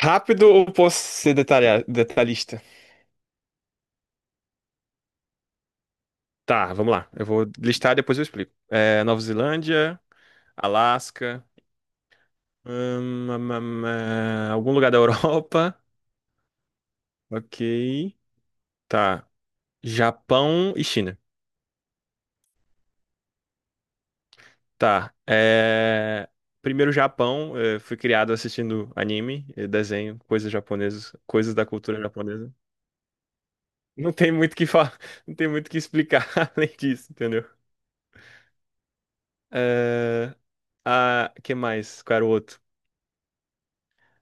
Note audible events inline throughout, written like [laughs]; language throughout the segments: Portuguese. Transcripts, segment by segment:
Rápido ou posso ser detalhista? Tá, vamos lá. Eu vou listar e depois eu explico. Nova Zelândia, Alasca, hum, hum, algum lugar da Europa. [laughs] Ok. Tá. Japão e China. Tá. Primeiro Japão, fui criado assistindo anime, desenho, coisas japonesas, coisas da cultura japonesa. Não tem muito o que falar, [laughs] não tem muito o que explicar [laughs] além disso, entendeu? É... Ah, que mais? Qual era o outro?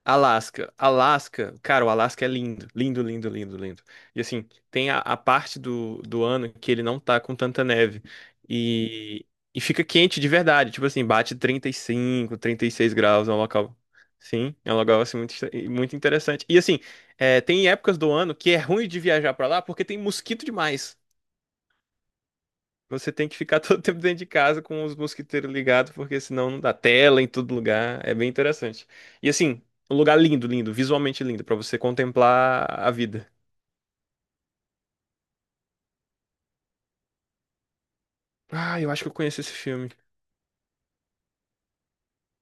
Alasca. Alasca, cara, o Alasca é lindo. Lindo, lindo, lindo, lindo. E assim, tem a parte do ano que ele não tá com tanta neve. E, e fica quente de verdade. Tipo assim, bate 30 35, 36 graus. É um local. Sim, é um local assim muito interessante. E assim, tem épocas do ano que é ruim de viajar pra lá porque tem mosquito demais. Você tem que ficar [laughs] todo tempo dentro de casa com os mosquiteiros ligados, porque senão não dá tela em todo lugar. É bem interessante. E assim, um lugar lindo, lindo, visualmente lindo, pra você contemplar a vida. Ah, eu acho que eu conheço esse filme.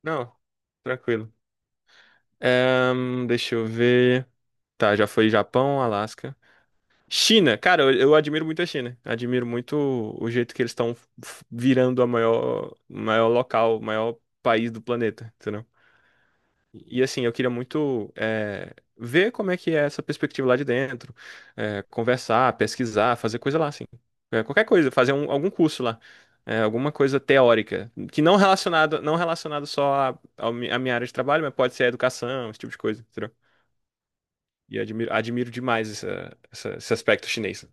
Não, tranquilo. Deixa eu ver. Tá, já foi Japão, Alasca. China, cara, eu admiro muito a China. Admiro muito o jeito que eles estão virando a maior, maior local, maior país do planeta, entendeu? E assim, eu queria muito ver como é que é essa perspectiva lá de dentro, conversar, pesquisar, fazer coisa lá, assim. Qualquer coisa, algum curso lá, alguma coisa teórica, que não relacionado, não relacionado só à minha área de trabalho, mas pode ser a educação, esse tipo de coisa, entendeu? E admiro demais esse aspecto chinês.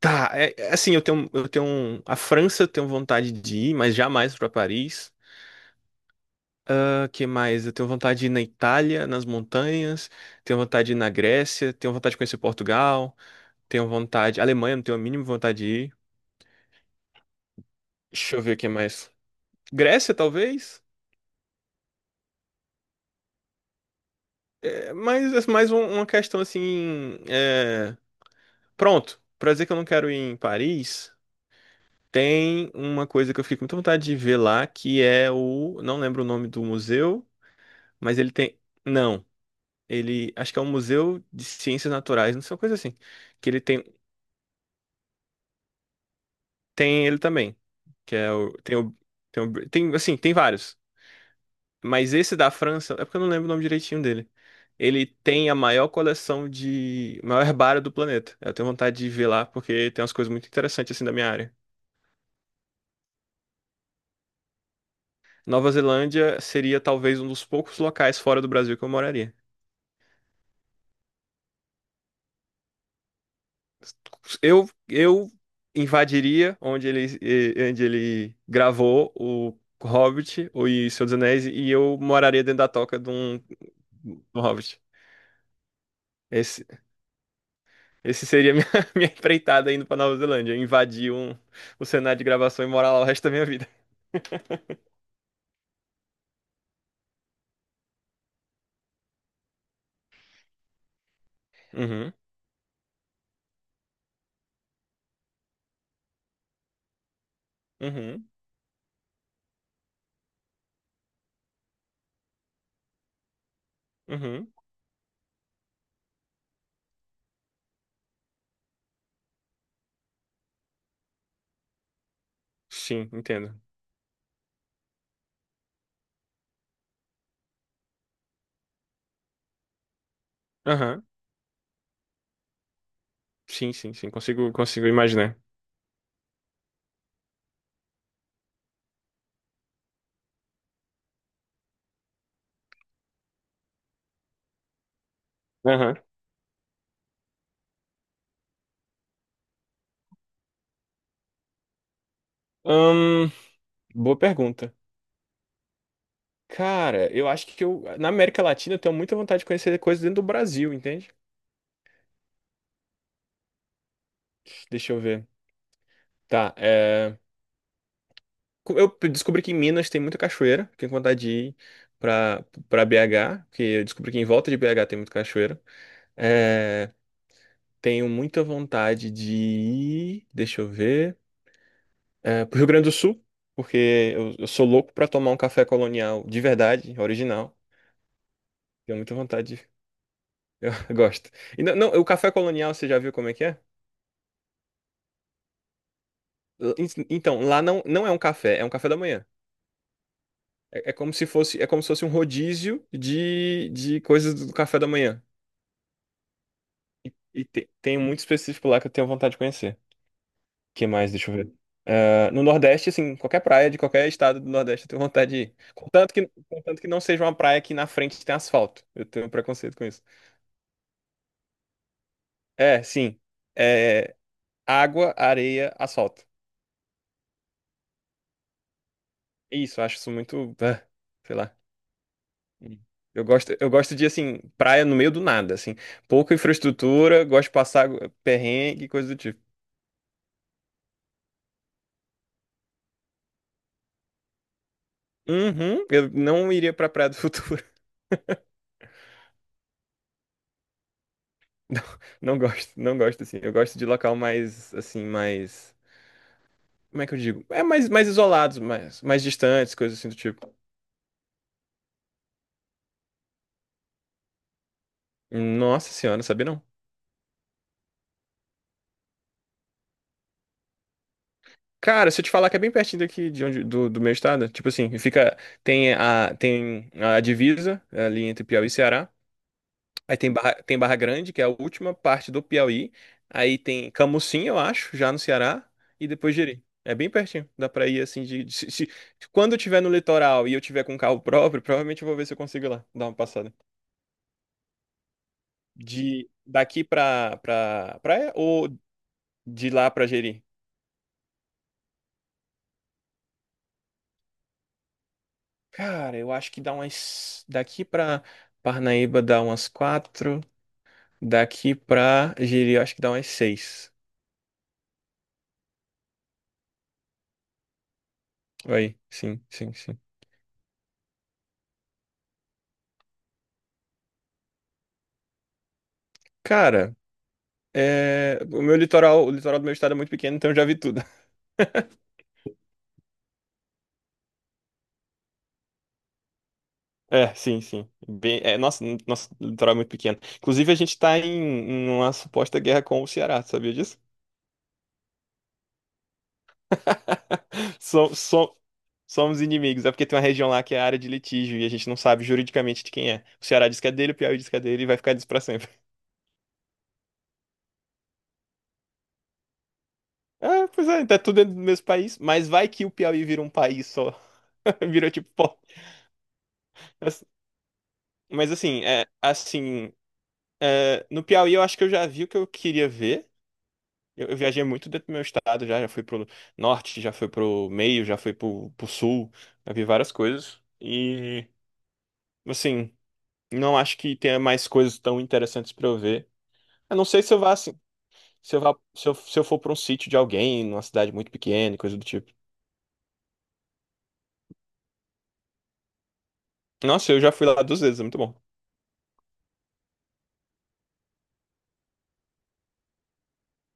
Tá, é assim, a França eu tenho vontade de ir, mas jamais para Paris. O que mais? Eu tenho vontade de ir na Itália, nas montanhas, tenho vontade de ir na Grécia, tenho vontade de conhecer Portugal, tenho vontade. Alemanha, não tenho a mínima vontade de ir. Deixa eu ver o que mais. Grécia, talvez? Mas é mais uma questão assim. Pronto, pra dizer que eu não quero ir em Paris, tem uma coisa que eu fico com muita vontade de ver lá, que é o. Não lembro o nome do museu, mas ele tem. Não, ele. Acho que é um museu de ciências naturais, não sei, uma coisa assim. Que ele tem Tem ele também, que é o tem o tem, o, tem assim, tem vários, mas esse da França, é porque eu não lembro o nome direitinho dele. Ele tem a maior coleção de maior herbário do planeta. Eu tenho vontade de ver lá porque tem umas coisas muito interessantes assim da minha área. Nova Zelândia seria talvez um dos poucos locais fora do Brasil que eu moraria. Eu invadiria onde ele gravou o Hobbit ou e Senhor dos Anéis e eu moraria dentro da toca de um Hobbit. Esse seria minha, [laughs] minha empreitada indo pra Nova Zelândia, invadir o cenário de gravação e morar lá o resto da minha vida. Uhum, uhum, uhum. Sim, entendo. Aham. Sim, sim, sim, consigo imaginar. Aham. Hum, Boa pergunta. Cara, eu acho que eu, na América Latina eu tenho muita vontade de conhecer coisas dentro do Brasil, entende? Deixa eu ver. Tá, Eu descobri que em Minas tem muita cachoeira, fiquei com vontade de ir pra BH, porque eu descobri que em volta de BH tem muita cachoeira. É, Tenho muita vontade de ir, deixa eu ver, pro Rio Grande do Sul, porque eu sou louco pra tomar um café colonial de verdade, original. Tenho muita vontade. [laughs] Eu gosto. E não, não, o café colonial, você já viu como é que é? Então, lá não, não é um café, é um café da manhã. É como se fosse um rodízio de coisas do café da manhã. Tem muito específico lá que eu tenho vontade de conhecer. Que mais? Deixa eu ver. Ah, no Nordeste, assim, qualquer praia de qualquer estado do Nordeste eu tenho vontade de ir. Contanto que não seja uma praia que na frente tem asfalto. Eu tenho um preconceito com isso. É, sim. É, Água, areia, asfalto. Isso, eu acho isso muito. Ah, sei lá. Eu gosto de, assim, praia no meio do nada, assim. Pouca infraestrutura, gosto de passar perrengue, coisa do tipo. Uhum, eu não iria pra Praia do Futuro. [laughs] Não, não gosto, assim. Eu gosto de local mais, assim, mais. Como é que eu digo? É mais isolados, mais distantes, coisas assim do tipo. Nossa senhora, não sabia não. Cara, se eu te falar que é bem pertinho daqui de onde, do meu estado, tipo assim, fica, tem a divisa ali entre Piauí e Ceará, aí tem Barra Grande, que é a última parte do Piauí, aí tem Camucim, eu acho, já no Ceará, e depois Jeri. É bem pertinho, dá pra ir assim quando eu tiver no litoral e eu tiver com um carro próprio, provavelmente eu vou ver se eu consigo ir lá, dar uma passada de daqui pra para praia ou De lá pra Jeri. Cara, eu acho que dá umas. Daqui pra Parnaíba dá umas quatro. Daqui pra Jeri, eu acho que dá umas seis. Aí, sim, sim, sim. Cara, o meu litoral, o litoral do meu estado é muito pequeno, então eu já vi tudo. [laughs] É, sim, sim. Bem... Nossa, nosso litoral é muito pequeno. Inclusive, a gente tá em uma suposta guerra com o Ceará, sabia disso? [laughs] So- so- Somos inimigos, é porque tem uma região lá que é área de litígio e a gente não sabe juridicamente de quem é. O Ceará diz que é dele, o Piauí diz que é dele e vai ficar disso pra sempre. Pois é, tá tudo dentro do mesmo país, mas vai que o Piauí vira um país só. [laughs] Virou tipo. Pó. Mas assim, assim, no Piauí eu acho que eu já vi o que eu queria ver. Eu viajei muito dentro do meu estado, já, fui pro norte, já fui pro meio, já fui pro sul, já vi várias coisas. E, assim, não acho que tenha mais coisas tão interessantes pra eu ver. A não sei se eu for pra um sítio de alguém, numa cidade muito pequena, e coisa do tipo. Nossa, eu já fui lá duas vezes, é muito bom.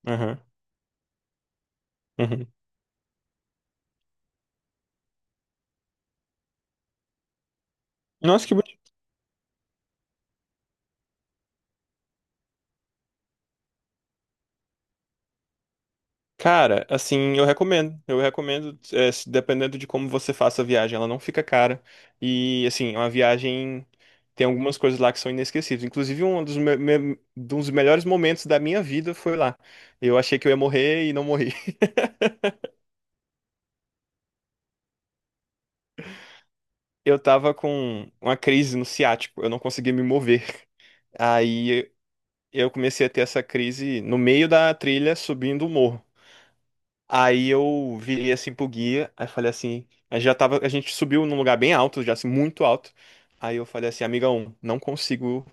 Aham. Uhum. Nossa, que bonito. Cara, assim, eu recomendo. Eu recomendo, dependendo de como você faça a viagem, ela não fica cara. E, assim, é uma viagem. Tem algumas coisas lá que são inesquecíveis. Inclusive, um dos melhores momentos da minha vida foi lá. Eu achei que eu ia morrer e não morri. [laughs] Eu tava com uma crise no ciático, eu não conseguia me mover. Aí eu comecei a ter essa crise no meio da trilha, subindo o morro. Aí eu virei assim pro guia, aí falei assim, a gente já tava, a gente subiu num lugar bem alto, já assim, muito alto. Aí eu falei assim, amiga 1, não consigo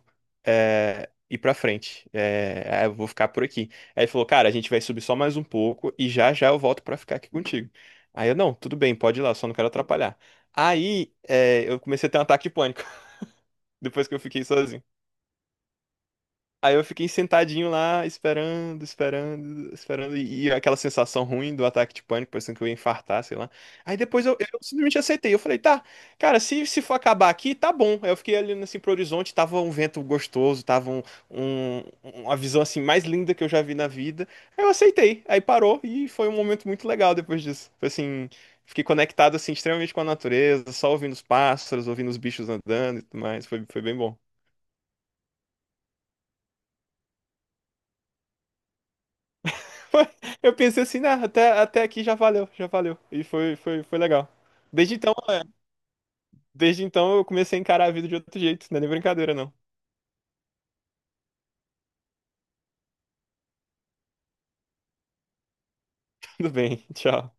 ir pra frente, eu vou ficar por aqui. Aí ele falou, cara, a gente vai subir só mais um pouco e já já eu volto pra ficar aqui contigo. Aí eu, não, tudo bem, pode ir lá, só não quero atrapalhar. Aí eu comecei a ter um ataque de pânico, [laughs] depois que eu fiquei sozinho. Aí eu fiquei sentadinho lá, esperando, esperando, esperando, e aquela sensação ruim do ataque de pânico, parecendo que eu ia infartar, sei lá. Aí depois eu simplesmente aceitei. Eu falei, tá, cara, se for acabar aqui, tá bom. Aí eu fiquei ali assim pro horizonte, tava um vento gostoso, tava um- uma visão assim mais linda que eu já vi na vida. Aí eu aceitei. Aí parou e foi um momento muito legal depois disso. Foi assim, fiquei conectado assim extremamente com a natureza, só ouvindo os pássaros, ouvindo os bichos andando e tudo mais. Foi bem bom. [laughs] Foi. Eu pensei assim, né? Até aqui já valeu, já valeu. E foi legal. Desde então, é, desde então eu comecei a encarar a vida de outro jeito, não é nem brincadeira, não. [laughs] Tudo bem, tchau.